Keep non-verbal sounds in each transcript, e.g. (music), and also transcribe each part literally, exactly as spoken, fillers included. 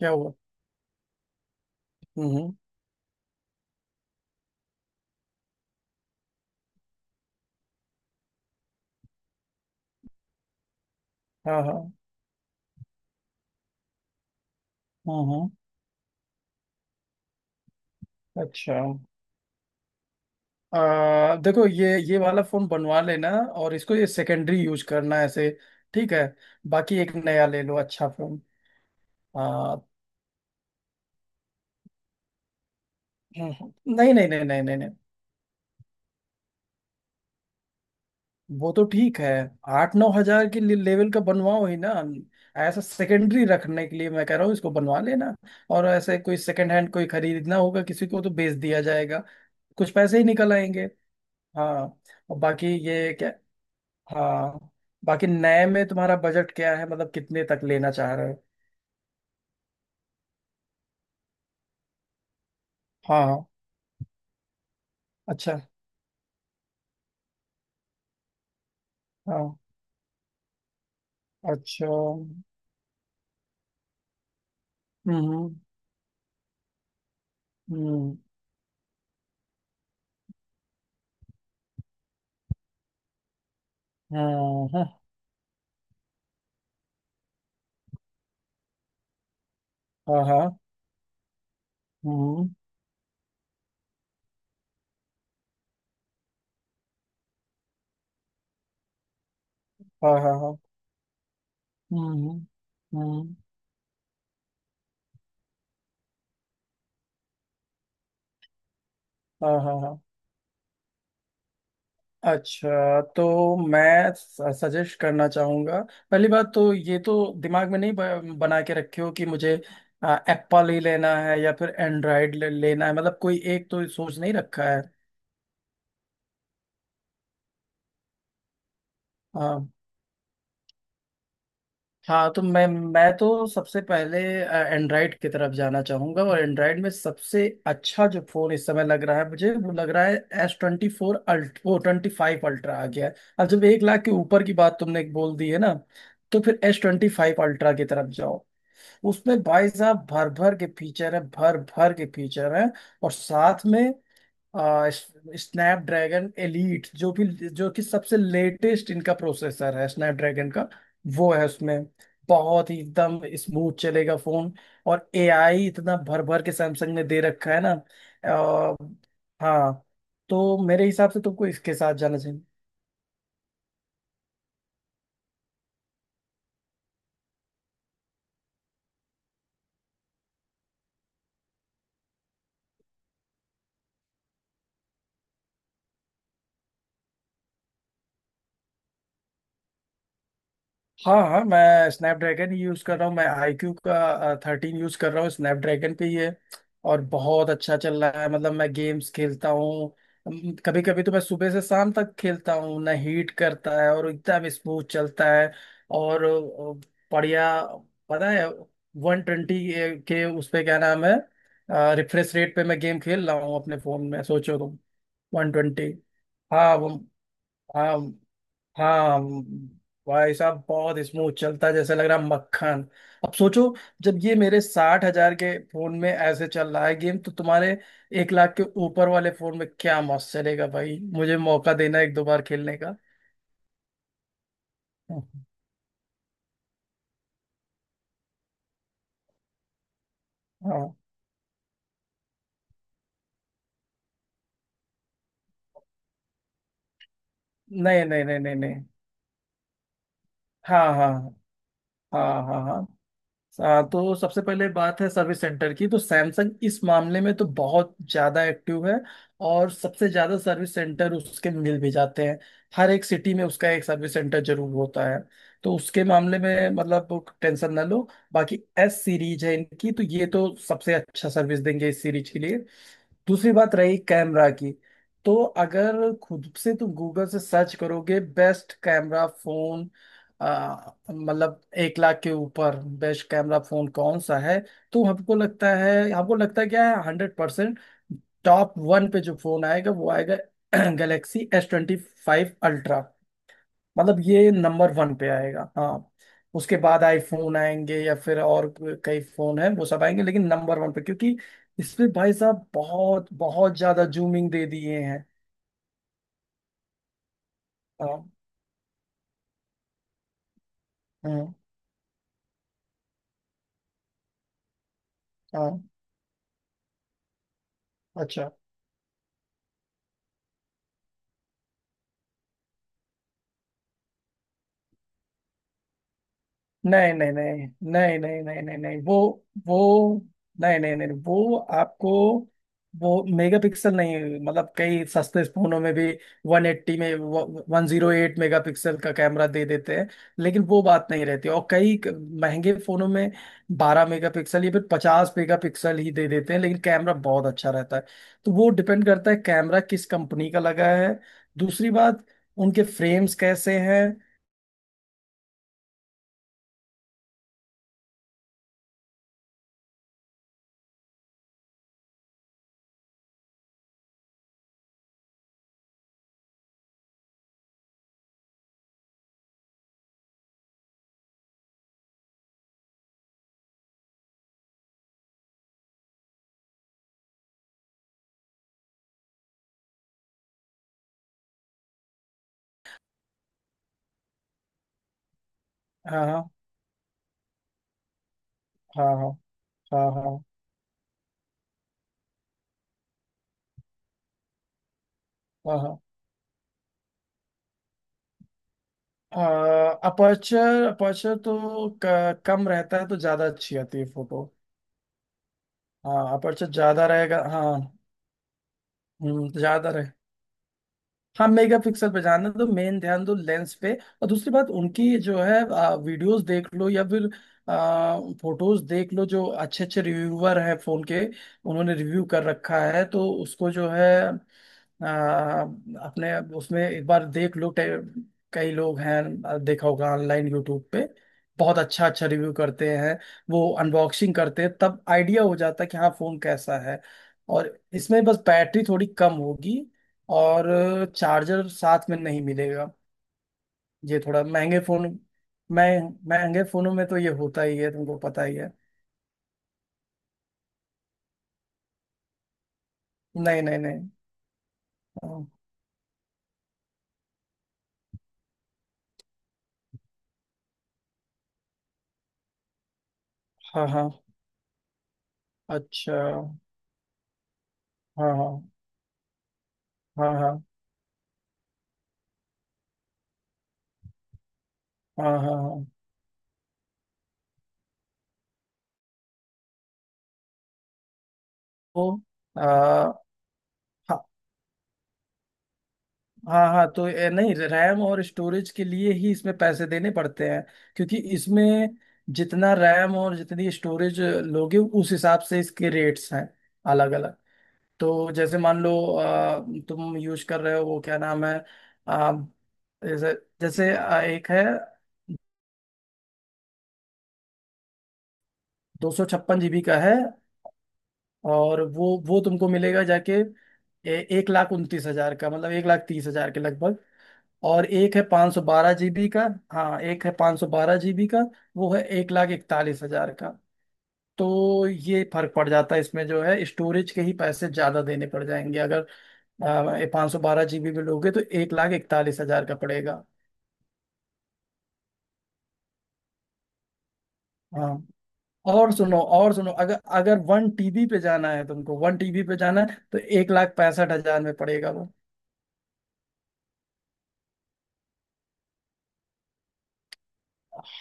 क्या हुआ? हम्म। हाँ हाँ। हम्म। अच्छा। आ, देखो ये ये वाला फोन बनवा लेना। और इसको ये सेकेंडरी यूज करना ऐसे। ठीक है। बाकी एक नया ले लो अच्छा फोन। आ, हम्म, नहीं नहीं नहीं नहीं नहीं नहीं। वो तो ठीक है। आठ नौ हजार के ले- लेवल का बनवाओ ही ना। ऐसा सेकेंडरी रखने के लिए मैं कह रहा हूँ इसको बनवा लेना। और ऐसे कोई सेकेंड हैंड कोई खरीदना होगा, किसी को तो बेच दिया जाएगा। कुछ पैसे ही निकल आएंगे। हाँ। और बाकी ये क्या? हाँ। बाकी नए में तुम्हारा बजट क्या है, मतलब कितने तक लेना चाह रहे हो? हाँ। अच्छा। हाँ। अच्छा। हम्म हम्म। हाँ हाँ हाँ हाँ। हम्म। हाँ हाँ हाँ। हम्म हम्म। हाँ हाँ हाँ। अच्छा, तो मैं सजेस्ट करना चाहूँगा। पहली बात तो ये तो दिमाग में नहीं ब- बना के रखे हो, कि मुझे एप्पल ही लेना है या फिर एंड्रॉयड ले, लेना है, मतलब कोई एक तो सोच नहीं रखा है। हाँ, हाँ तो मैं मैं तो सबसे पहले एंड्रॉयड की तरफ जाना चाहूंगा। और एंड्रॉयड में सबसे अच्छा जो फोन इस समय लग रहा है मुझे वो लग रहा है, एस ट्वेंटी फोर अल्ट वो ट्वेंटी फाइव अल्ट्रा आ गया है। अब जब एक लाख के ऊपर की बात तुमने बोल दी है ना, तो फिर एस ट्वेंटी फाइव अल्ट्रा की तरफ जाओ। उसमें भाई साहब भर भर के फीचर है, भर भर के फीचर है। और साथ में स्नैपड्रैगन एलीट, जो भी जो कि सबसे लेटेस्ट इनका प्रोसेसर है स्नैपड्रैगन का, वो है उसमें। बहुत ही एकदम स्मूथ चलेगा फोन। और ए आई इतना भर भर के सैमसंग ने दे रखा है ना। आ, हाँ। तो मेरे हिसाब से तुमको इसके साथ जाना चाहिए। हाँ हाँ, मैं स्नैपड्रैगन ही यूज़ कर रहा हूँ। मैं आईक्यू का थर्टीन यूज़ कर रहा हूँ स्नैपड्रैगन पे ये। और बहुत अच्छा चल रहा है, मतलब मैं गेम्स खेलता हूँ। कभी कभी तो मैं सुबह से शाम तक खेलता हूँ ना, हीट करता है और एकदम स्मूथ चलता है। और अ, बढ़िया। पता है, वन ट्वेंटी के उस पे क्या नाम है, रिफ्रेश रेट पे मैं गेम खेल रहा हूँ अपने फ़ोन में, सोचो तुम। One twenty. हाँ वो। हाँ। हाँ। भाई साहब बहुत स्मूथ चलता है, जैसे लग रहा है मक्खन। अब सोचो, जब ये मेरे साठ हजार के फोन में ऐसे चल रहा है गेम, तो तुम्हारे एक लाख के ऊपर वाले फोन में क्या मस्त चलेगा, भाई मुझे मौका देना एक दो बार खेलने का। (laughs) हाँ। नहीं नहीं नहीं नहीं नहीं। हाँ हाँ। हाँ हाँ हाँ। आ, तो सबसे पहले बात है सर्विस सेंटर की। तो सैमसंग इस मामले में तो बहुत ज़्यादा एक्टिव है, और सबसे ज़्यादा सर्विस सेंटर उसके मिल भी जाते हैं। हर एक सिटी में उसका एक सर्विस सेंटर जरूर होता है। तो उसके मामले में मतलब टेंशन ना लो। बाकी एस सीरीज है इनकी, तो ये तो सबसे अच्छा सर्विस देंगे इस सीरीज के लिए। दूसरी बात रही कैमरा की। तो अगर खुद से तुम गूगल से सर्च करोगे, बेस्ट कैमरा फोन, आ, मतलब एक लाख के ऊपर बेस्ट कैमरा फोन कौन सा है, तो हमको लगता है, हमको लगता है क्या है, हंड्रेड परसेंट टॉप वन पे जो फोन आएगा वो आएगा। (clears throat) Galaxy S twenty five ultra. मतलब ये नंबर वन पे आएगा, हाँ। उसके बाद आईफोन आएंगे या फिर और कई फोन है वो सब आएंगे, लेकिन नंबर वन पे, क्योंकि इसमें भाई साहब बहुत बहुत ज्यादा जूमिंग दे दिए हैं। हाँ। हम्म, हाँ। अच्छा। नहीं नहीं नहीं नहीं नहीं नहीं नहीं नहीं। वो वो नहीं नहीं नहीं, वो आपको वो मेगापिक्सल नहीं, मतलब कई सस्ते फोनों में भी वन एट्टी में वन जीरो एट मेगापिक्सल का कैमरा दे देते हैं। लेकिन वो बात नहीं रहती, और कई क- महंगे फोनों में बारह मेगापिक्सल या फिर पचास मेगापिक्सल ही दे देते हैं, लेकिन कैमरा बहुत अच्छा रहता है। तो वो डिपेंड करता है कैमरा किस कंपनी का लगा है। दूसरी बात, उनके फ्रेम्स कैसे हैं। हाँ हाँ हाँ हाँ हाँ हाँ हाँ। अपर्चर अपर्चर तो क- कम रहता है तो ज्यादा अच्छी आती है फोटो। हाँ, अपर्चर ज्यादा रहेगा, हाँ, हम्म, ज्यादा रहेगा। हाँ, मेगापिक्सल पे ध्यान दो, मेन ध्यान दो लेंस पे। और दूसरी बात उनकी जो है, आ, वीडियोस देख लो या फिर आ, फोटोज देख लो, जो अच्छे अच्छे रिव्यूअर हैं फोन के, उन्होंने रिव्यू कर रखा है, तो उसको जो है, आ, अपने उसमें एक बार देख लो, टे- कई लोग हैं। आ, देखा होगा ऑनलाइन यूट्यूब पे, बहुत अच्छा अच्छा रिव्यू करते हैं। वो अनबॉक्सिंग करते हैं तब आइडिया हो जाता है कि हाँ फोन कैसा है। और इसमें बस बैटरी थोड़ी कम होगी, और चार्जर साथ में नहीं मिलेगा। ये थोड़ा महंगे फोन, मैं महंगे फोनों में तो ये होता ही है, तुमको पता ही है। नहीं नहीं नहीं। हाँ हाँ हाँ। अच्छा। हाँ हाँ हाँ हाँ हाँ हाँ हाँ। तो आ, हाँ हाँ हाँ, तो ये नहीं, रैम और स्टोरेज के लिए ही इसमें पैसे देने पड़ते हैं, क्योंकि इसमें जितना रैम और जितनी स्टोरेज लोगे उस हिसाब से इसके रेट्स हैं अलग अलग। तो जैसे मान लो, अ, तुम यूज कर रहे हो वो क्या नाम है, अ, जैसे जैसे, अ, एक है दो सौ छप्पन जीबी का है, और वो वो तुमको मिलेगा जाके, ए, एक लाख उनतीस हजार का, मतलब एक लाख तीस हजार के लगभग। और एक है पाँच सौ बारह जीबी का। हाँ, एक है पाँच सौ बारह जीबी का, वो है एक लाख इकतालीस हजार का। तो ये फर्क पड़ जाता है, इसमें जो है स्टोरेज के ही पैसे ज्यादा देने पड़ जाएंगे, अगर पाँच सौ बारह जीबी में लोगे तो एक लाख इकतालीस हजार का पड़ेगा। हाँ। और सुनो, और सुनो, अगर अगर वन टीबी पे जाना है, तुमको वन टीबी पे जाना है तो एक लाख पैंसठ हजार में पड़ेगा वो।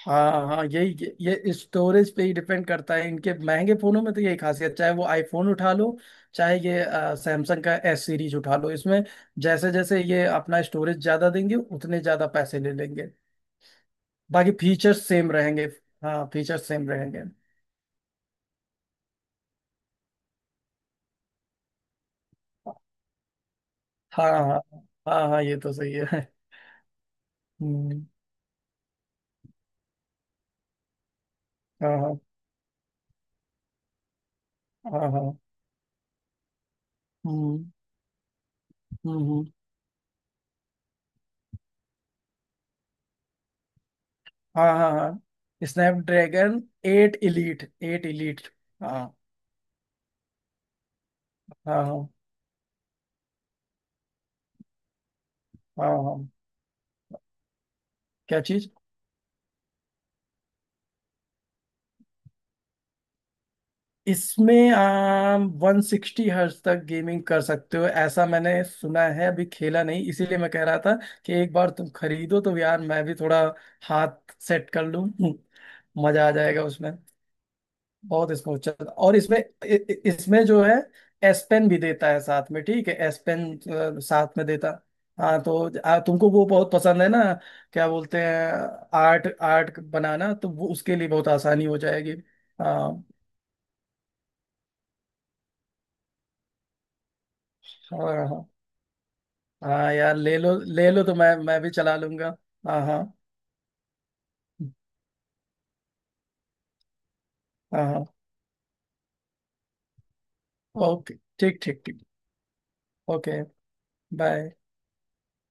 हाँ हाँ, यही ये, ये स्टोरेज पे ही डिपेंड करता है इनके महंगे फोनों में, तो यही खासियत, चाहे वो आईफोन उठा लो चाहे ये सैमसंग का एस सीरीज उठा लो। इसमें जैसे जैसे ये अपना स्टोरेज ज्यादा देंगे उतने ज्यादा पैसे ले लेंगे। बाकी फीचर्स सेम रहेंगे। हाँ फीचर्स सेम रहेंगे। हाँ हाँ हाँ हाँ, ये तो सही है। हम्म, हाँ हाँ हाँ हाँ। हम्म हम्म हम्म। हाँ हाँ हाँ, Snapdragon eight elite, eight elite. हाँ हाँ हाँ हाँ हाँ। क्या चीज? इसमें आप वन सिक्सटी हर्ट्ज तक गेमिंग कर सकते हो, ऐसा मैंने सुना है, अभी खेला नहीं, इसीलिए मैं कह रहा था कि एक बार तुम खरीदो तो यार मैं भी थोड़ा हाथ सेट कर लूं। (laughs) मजा आ जाएगा उसमें। बहुत स्मूथ चल। और इसमें इ- इ- इसमें जो है एस पेन भी देता है साथ में, ठीक है, एस पेन साथ में देता। हाँ, तो ज- आ, तुमको वो बहुत पसंद है ना। क्या बोलते हैं, आर्ट आर्ट बनाना, तो वो उसके लिए बहुत आसानी हो जाएगी। हाँ हाँ हाँ। हाँ यार, ले लो ले लो, तो मैं मैं भी चला लूंगा। हाँ हाँ हाँ हाँ। ओके। ठीक ठीक ठीक। ओके। बाय।